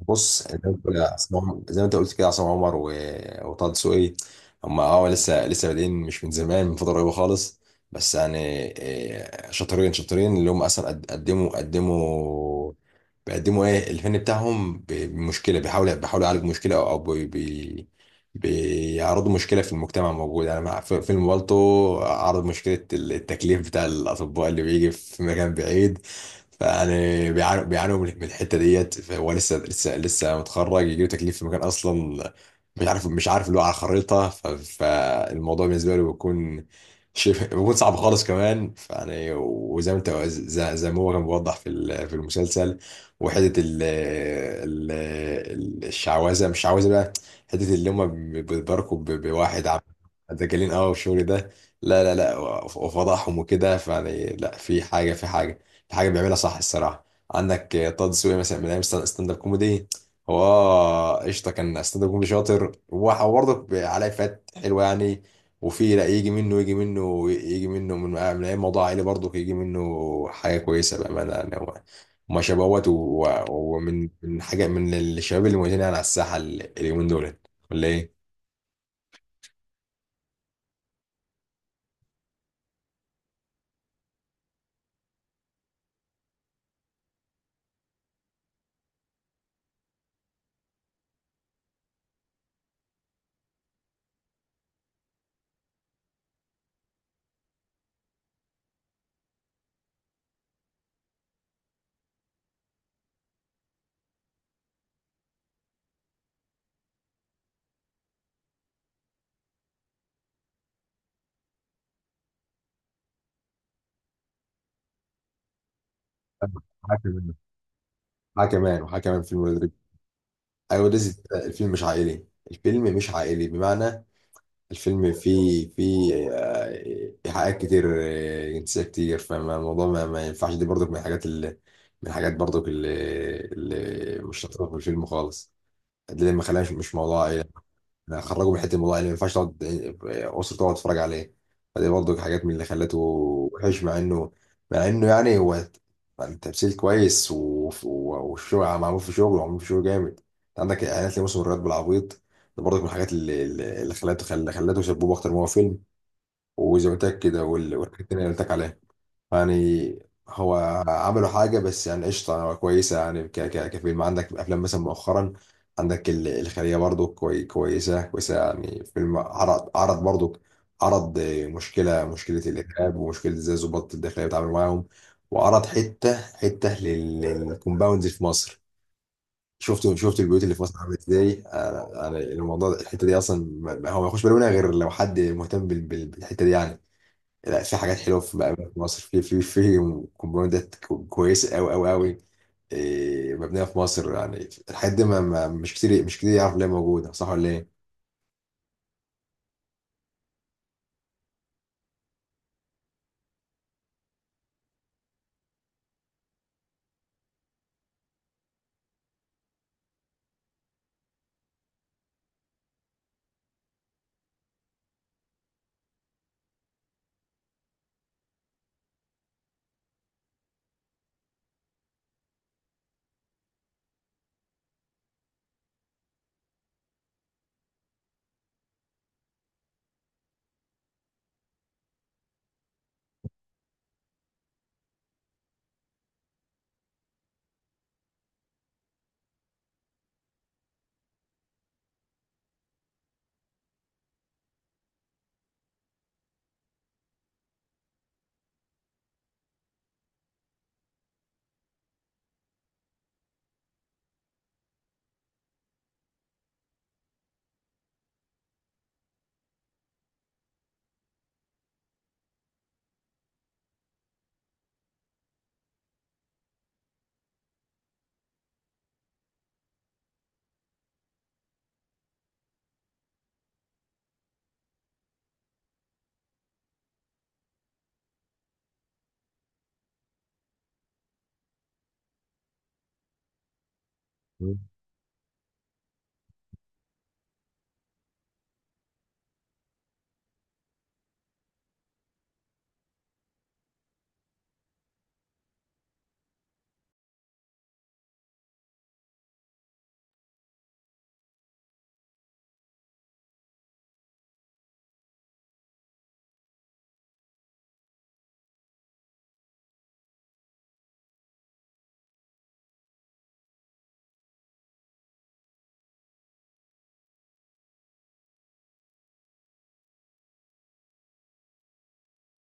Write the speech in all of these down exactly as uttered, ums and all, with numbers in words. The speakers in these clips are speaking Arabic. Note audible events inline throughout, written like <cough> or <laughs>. بص زي ما بتقول- يا عصام- زي ما انت قلت كده، عصام عمر و... وطه دسوقي. هم اه لسه لسه بادئين، مش من زمان، من فتره قريبه خالص. بس يعني آه، شاطرين شاطرين، اللي هم اصلا قد- قدموا قدموا بيقدموا ايه الفن بتاعهم ب- بمشكله. بيحاولوا بيحاولوا يعالجوا مشكله، او أو بي... بي... بيعرضوا مشكله في المجتمع موجود. يعني مع في- فيلم بالطو، عرض مشكله التكليف بتاع الاطباء اللي بيجي في مكان بعيد. فيعني بيعانوا بيعانوا من من الحته ديت، فهو لسه لسه لسه متخرج يجيله تكليف في مكان اصلا مش عارف مش عارف، اللي هو على خريطه. ف- فالموضوع بالنسبه له بيكون شبه، بيكون صعب خالص كمان. فيعني وزي ما انت زي زي ما هو كان بيوضح في ال- في المسلسل، وحته ال ال ال- الشعوذه، مش شعوذه بقى، حته اللي هم بيتباركوا ب- بواحد عم، دجالين، اه، والشغل ده. لا لا لا، وفضحهم وكده. فيعني لا، في حاجه، في حاجه حاجه بيعملها صح، الصراحه. عندك آه، طه دسوقي مثلا، من ايام ستان- ستاند اب كوميدي. هو آه، قشطه، كان ستاند اب كوميدي شاطر، وبرضه عليه فات حلوه يعني. وفي لا، يجي منه يجي منه يجي منه، من من ايام موضوع عائلي، برضه يجي منه حاجه كويسه بامانه يعني. هو ما شبهوت و- و- ومن من حاجه، من الشباب اللي موجودين يعني على الساحه ال- اليومين دول، ولا ايه؟ حاكم، حاكم وحاكم في المدرب. ايوه، ده الفيلم مش عائلي، الفيلم مش عائلي بمعنى. الفيلم فيه، فيه آه، إيحاءات كتير، آه، جنسية كتير. فالموضوع ما, ما ينفعش. دي برضك من الحاجات اللي، من الحاجات برضك اللي, اللي مش لطيفة في الفيلم خالص. ده اللي ما خلاش مش موضوع عائلة. أنا خرجوا من حتة الموضوع عائلة، ما ينفعش تقعد أسرة تقعد تتفرج عليه. فدي برضه حاجات من اللي خلته وحش، مع إنه، مع إنه يعني، هو التمثيل كويس و- و- والشغل معمول في شغل، ومعمول في شغل جامد. أنت عندك إعلانات لموسم الرياض بالعبيط. ده برضه من الحاجات اللي اللي خلته خل- خلته شبوب أكتر ما هو فيلم. وزي ما قلت لك كده، وال- والحاجات التانية اللي قلت لك عليها يعني. هو عملوا حاجة، بس يعني قشطة يعني، هو كويسة يعني ك ك كفيلم. عندك أفلام مثلا مؤخرا، عندك ال- الخلية برضو، كوي كويسة كويسة يعني. فيلم عرض عرض برضو، عرض مشكلة مشكلة الإرهاب، ومشكلة إزاي الضباط الداخلية بيتعاملوا معاهم، وعرض حتة حتة لل- للكومباوندز في مصر. شفت شفت البيوت اللي في مصر عاملة ازاي. أنا- يعني الموضوع ده- الحتة دي أصلا، ما- هو ما يخش بالي منها غير لو حد مهتم بال- بال- بالحتة دي يعني. لا، في حاجات حلوه، في بقى في مصر، في في في كومباوندات، كو- كويسه قوي قوي قوي. إيه، مبنيه في مصر. يعني الحاجات دي ما ما- مش كتير مش كتير يعرف ليه موجوده، صح ولا ايه؟ مم.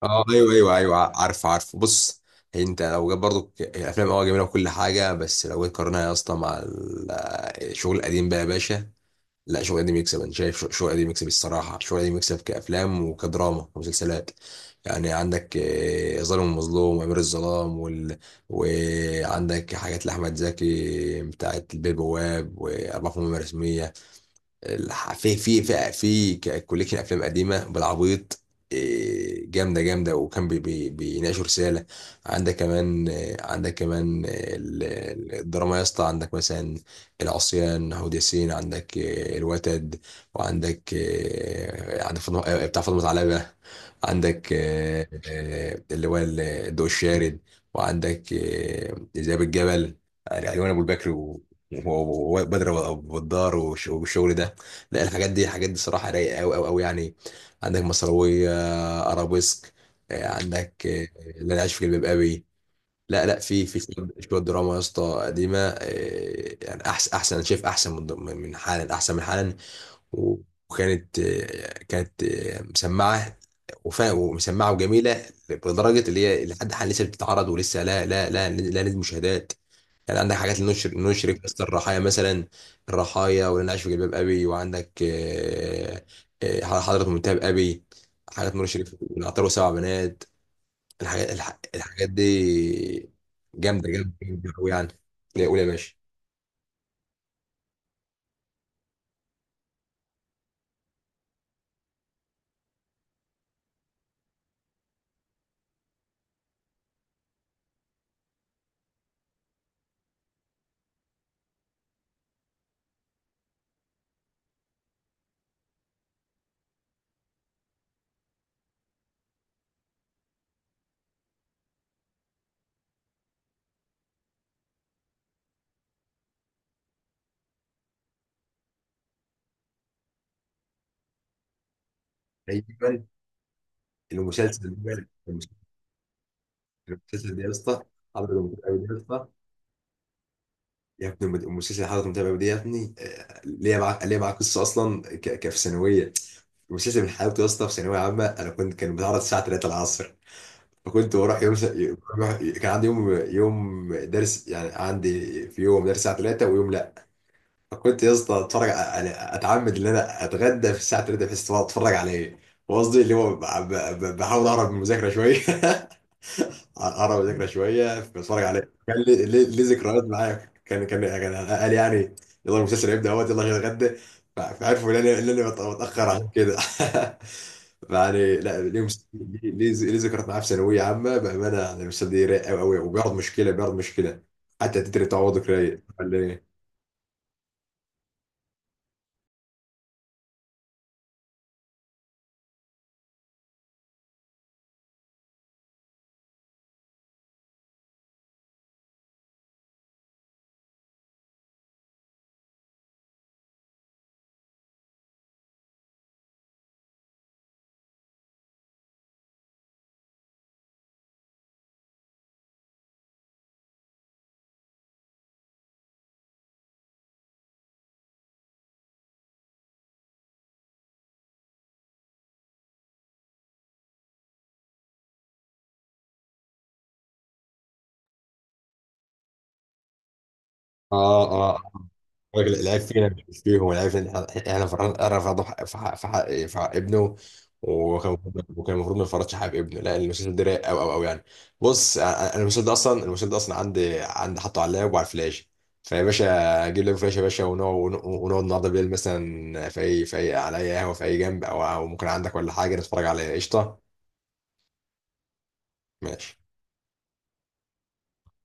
اه، ايوه ايوه ايوه عارف عارف، بص. انت لو جاب برضو الافلام، اه جميله وكل حاجه، بس لو جيت قارنها يا اسطى مع ال- آه، الشغل القديم بقى يا باشا. لا، شو قديم يكسب. انا شايف شو شو قديم يكسب، الصراحه شو قديم يكسب، كافلام وكدراما ومسلسلات يعني. عندك آه، ظالم ومظلوم، وامير الظلام، وال... وعندك حاجات لاحمد زكي، بتاعت البيه البواب، واربعه مهمه رسميه. الح- في في في في ك- كوليكشن افلام قديمه بالعبيط. إيه، جامده جامده، وكان بي بي بيناقشوا رساله. عندك كمان آه، عندك كمان آه، ال- ال- الدراما يا اسطى. عندك مثلا العصيان، هود ياسين، عندك آه، الوتد، وعندك آه، عندك فاطمة، آه، بتاع فاطمه علبه. عندك آه، آه، اللي هو ال- الضوء الشارد، وعندك آه، ذئاب الجبل. يعني علوان ابو البكر و- وبدر، والدار، والشغل ده. لا، الحاجات دي، الحاجات دي صراحة رايقة أوي أوي أوي يعني. عندك مصراوية، آه، أرابيسك، آه، عندك آه، اللي أنا عايش في جلباب أبي. لا لا، في في شوية شوية دراما يا اسطى قديمة آه، يعني أحسن، أحسن أنا شايف أحسن من، من حالا، أحسن من حالا. وكانت آه، كانت آه، مسمعة وفا- ومسمعة وجميلة، لدرجة اللي هي لحد حال لسه بتتعرض ولسه، لا لا لا لا نزل مشاهدات يعني. عندك حاجات لنشر نشر قصة الرحايا مثلا، الرحايا، واللي انا عايش في جلباب ابي، وعندك آه، آه، حضرة منتهى ابي، حاجات نور الشريف، والعطار، وسبع بنات. الحاجات الح- الحاجات دي جامدة جامدة جامدة قوي يعني. لا، قول يا باشا. ايوه، المسلسل ده، المسلسل ده يا اسطى، حضرة منتهى ابي ده يا اسطى. يا ابني المد- المسلسل حضرة منتهى ابي ده يا ابني، آه، ليا معاه ليا معاه قصة اصلا ك- ك- في ثانوية. المسلسل من حلاوته يا اسطى، في ثانوية عامة، انا كنت، كان بيتعرض الساعة تلاتة العصر، فكنت بروح يوم س... يوم- كان عندي يوم يوم درس، يعني عندي في يوم درس الساعه تلاتة ويوم لا. فكنت يا اسطى اتفرج على، اتعمد ان انا اتغدى في الساعه تلاتة بحيث تبقى اتفرج عليه. وقصدي اللي هو ب... ب... ب- بحاول اهرب من المذاكره شويه <laughs> اقرب الذكرى شويه، بتفرج عليه. كان لي، لي- لي ذكريات معايا. كان، كان يعني كان قال يعني، يلا المسلسل هيبدا اهوت، يلا عشان اتغدى. ف- فعرفوا ان انا، ان انا بت- بتاخر عشان كده. <laughs> يعني لا، ليه مس- ليه ليه- ليه ذكريات معاه في ثانويه عامه بامانه. يعني المسلسل ده رايق قوي قوي، وبيعرض مشكله، بيعرض مشكله حتى التتر بتاعه برضه رايق، ولا ايه؟ اه، اه، الراجل، العيب فينا مش فيهم. العيب ان احنا رفضوا في حق، في حق في حق في حق ابنه. وكان المفروض، وكان المفروض ما يفرطش حق ابنه. لا، المسلسل ده رايق قوي قوي قوي يعني. بص، أنا- أنا المسلسل ده اصلا، المسلسل ده اصلا عندي، عندي حاطه على اللاب وعلى الفلاش. فيا باشا، اجيب لك فلاش يا باشا، ونقعد، ونقعد النهارده بالليل مثلا، في اي، في اي على اي قهوه، في اي جنب، او أو ممكن عندك ولا حاجه، نتفرج على قشطه. ماشي.